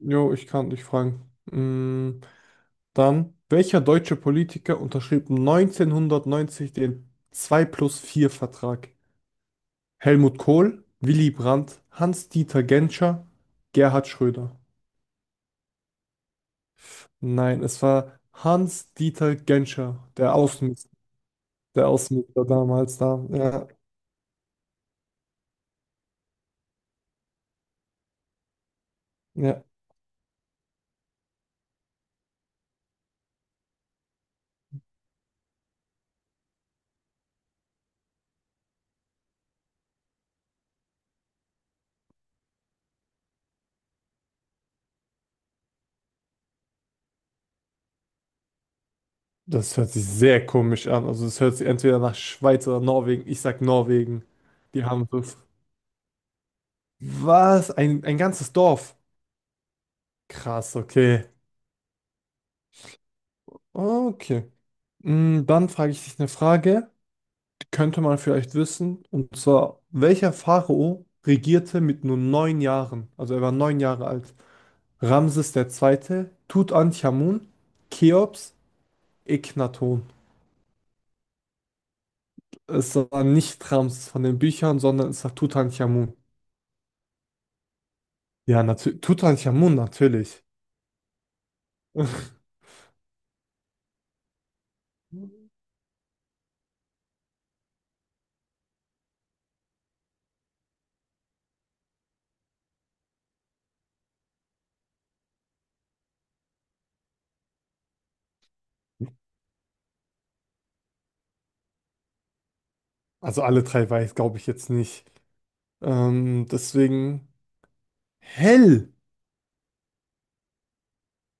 Jo, ich kann dich fragen. Mm, Dann, welcher deutsche Politiker unterschrieb 1990 den 2 plus 4 Vertrag? Helmut Kohl, Willy Brandt, Hans-Dieter Genscher, Gerhard Schröder. Nein, es war Hans-Dieter Genscher, der Außenminister damals da. Ja, ja. Das hört sich sehr komisch an. Also es hört sich entweder nach Schweiz oder Norwegen. Ich sag Norwegen. Die haben so. Was? Ein ganzes Dorf. Krass, okay. Okay. Dann frage ich dich eine Frage, die könnte man vielleicht wissen. Und zwar, welcher Pharao regierte mit nur 9 Jahren? Also er war 9 Jahre alt. Ramses der Zweite, Tutanchamun, Cheops, Echnaton. Es war nicht Ramses von den Büchern, sondern es war Tutanchamun. Ja, natürlich. Tutanchamun, natürlich. Also alle drei weiß, glaube ich jetzt nicht. Deswegen, hell.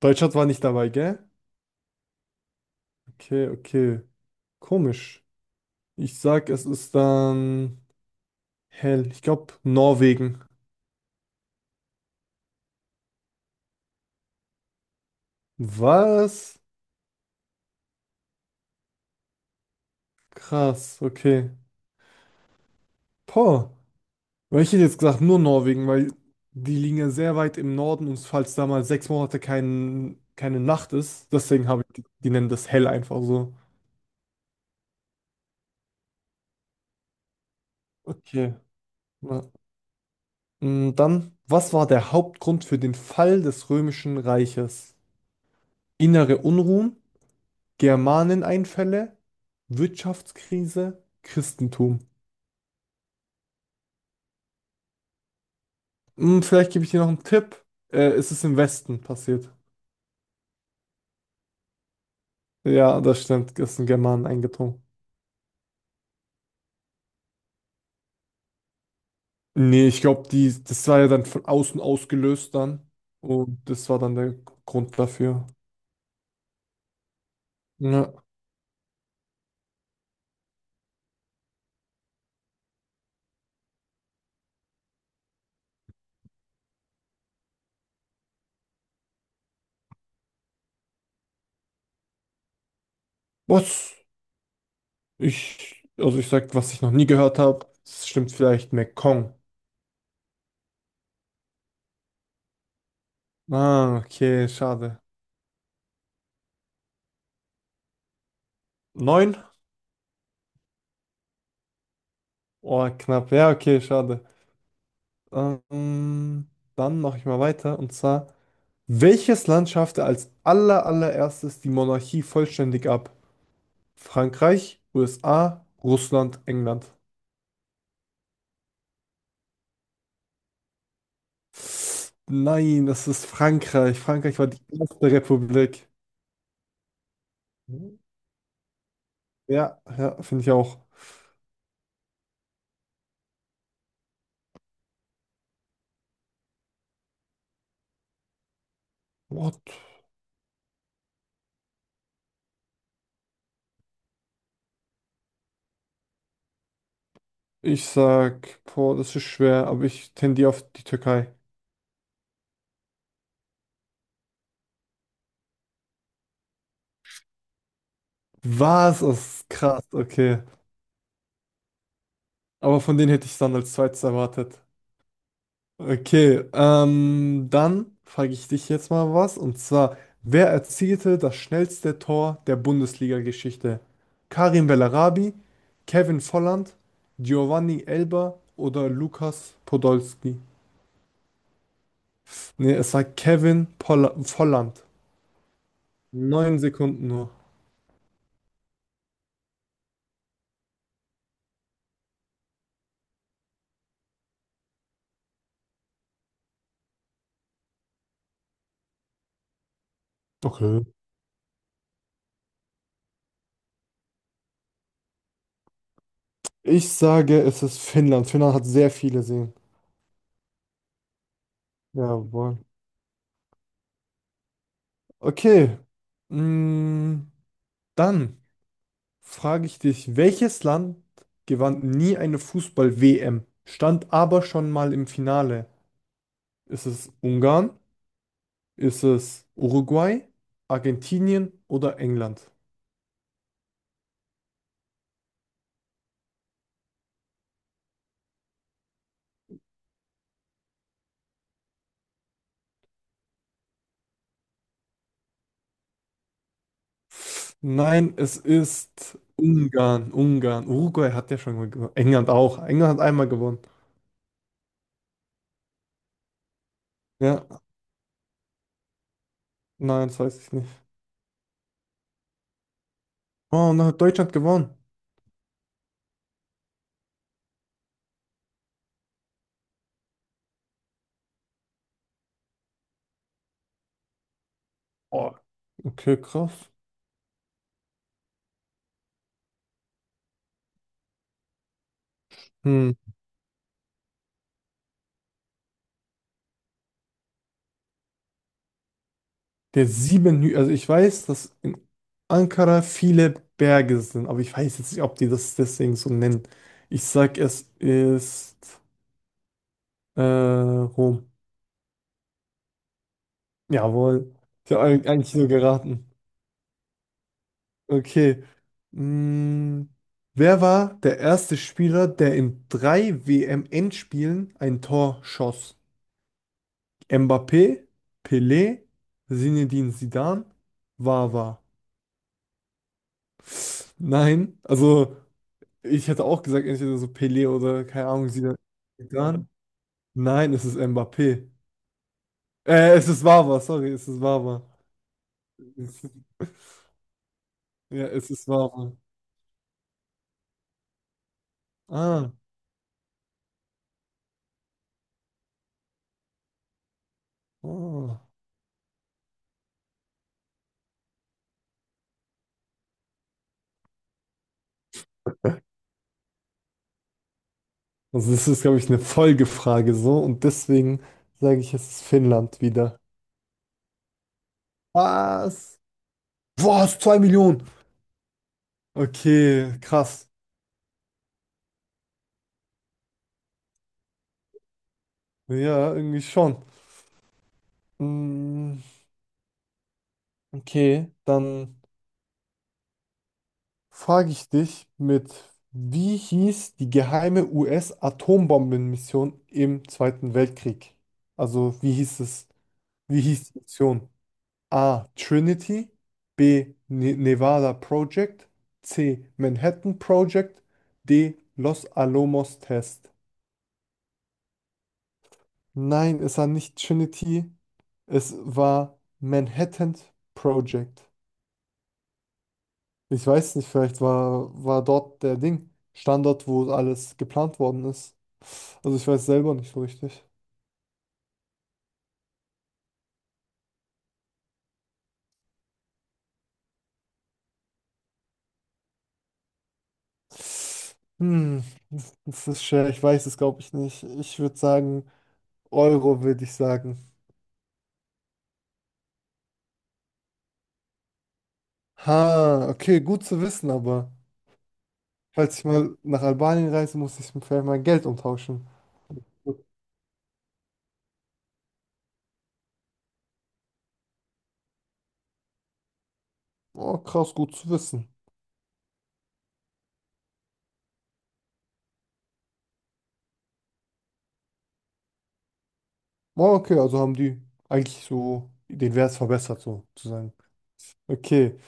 Deutschland war nicht dabei, gell? Okay, okay. Komisch. Ich sag, es ist dann hell. Ich glaube, Norwegen. Was? Krass, okay. Boah. Weil ich hätte jetzt gesagt, nur Norwegen, weil die liegen ja sehr weit im Norden und falls da mal 6 Monate keine Nacht ist, deswegen habe ich, die nennen das hell einfach so. Okay. Na, dann, was war der Hauptgrund für den Fall des Römischen Reiches? Innere Unruhen, Germaneneinfälle, Wirtschaftskrise, Christentum. Hm, vielleicht gebe ich dir noch einen Tipp. Es ist im Westen passiert. Ja, das stimmt. Es sind Germanen eingedrungen. Nee, ich glaube, die, das war ja dann von außen ausgelöst dann. Und das war dann der Grund dafür. Ja. Was? Ich, also ich sag, was ich noch nie gehört habe. Das stimmt vielleicht Mekong. Ah, okay, schade. Neun? Oh, knapp. Ja, okay, schade. Ähm, Dann mache ich mal weiter. Und zwar, welches Land schaffte als allererstes die Monarchie vollständig ab? Frankreich, USA, Russland, England. Nein, das ist Frankreich. Frankreich war die erste Republik. Hm? Ja, ja, finde ich auch. What? Ich sag, boah, das ist schwer, aber ich tendiere auf die Türkei. Was? Das ist krass, okay. Aber von denen hätte ich es dann als zweites erwartet. Okay, dann frage ich dich jetzt mal was. Und zwar, wer erzielte das schnellste Tor der Bundesliga-Geschichte? Karim Bellarabi, Kevin Volland, Giovanni Elber oder Lukas Podolski? Nee, es war Kevin Polla Volland. 9 Sekunden nur. Okay. Ich sage, es ist Finnland. Finnland hat sehr viele Seen. Jawohl. Okay. Mm, Dann frage ich dich, welches Land gewann nie eine Fußball-WM, stand aber schon mal im Finale? Ist es Ungarn? Ist es Uruguay? Argentinien oder England? Nein, es ist Ungarn, Ungarn. Uruguay hat ja schon mal gewonnen. England auch. England hat einmal gewonnen. Ja, nein, das weiß ich nicht. Oh, und dann hat Deutschland gewonnen. Oh, okay, krass. Hm. Der sieben Hü Also ich weiß, dass in Ankara viele Berge sind, aber ich weiß jetzt nicht, ob die das deswegen so nennen. Ich sag, es ist Rom. Jawohl. Ich habe eigentlich so geraten. Okay. Mm, Wer war der erste Spieler, der in drei WM-Endspielen ein Tor schoss? Mbappé, Pelé, Zinedine Zidane, Wawa. Nein, also. Ich hätte auch gesagt, entweder so Pelé oder keine Ahnung, Zidane. Zidane? Nein, es ist Mbappé. Es ist Wawa, sorry, es ist Wawa. Es Ja, es ist Wawa. Ah, oh. Also das ist, glaube ich, eine Folgefrage so und deswegen sage ich, es ist Finnland wieder. Was? Was? 2 Millionen? Okay, krass. Ja, irgendwie schon. Mm, okay, dann frage ich dich mit, wie hieß die geheime US-Atombombenmission im Zweiten Weltkrieg? Also wie hieß es? Wie hieß die Mission? A. Trinity, B. Nevada Project, C. Manhattan Project, D. Los Alamos Test. Nein, es war nicht Trinity, es war Manhattan Project. Ich weiß nicht, vielleicht war dort der Ding, Standort, wo alles geplant worden ist. Also ich weiß selber nicht so richtig. Hm, das ist schwer, ich weiß es, glaube ich, nicht. Ich würde sagen, Euro würde ich sagen. Ha, okay, gut zu wissen, aber falls ich mal nach Albanien reise, muss ich vielleicht mein Geld umtauschen. Oh, krass, gut zu wissen. Oh, okay, also haben die eigentlich so den Wert verbessert, so zu sagen. Okay.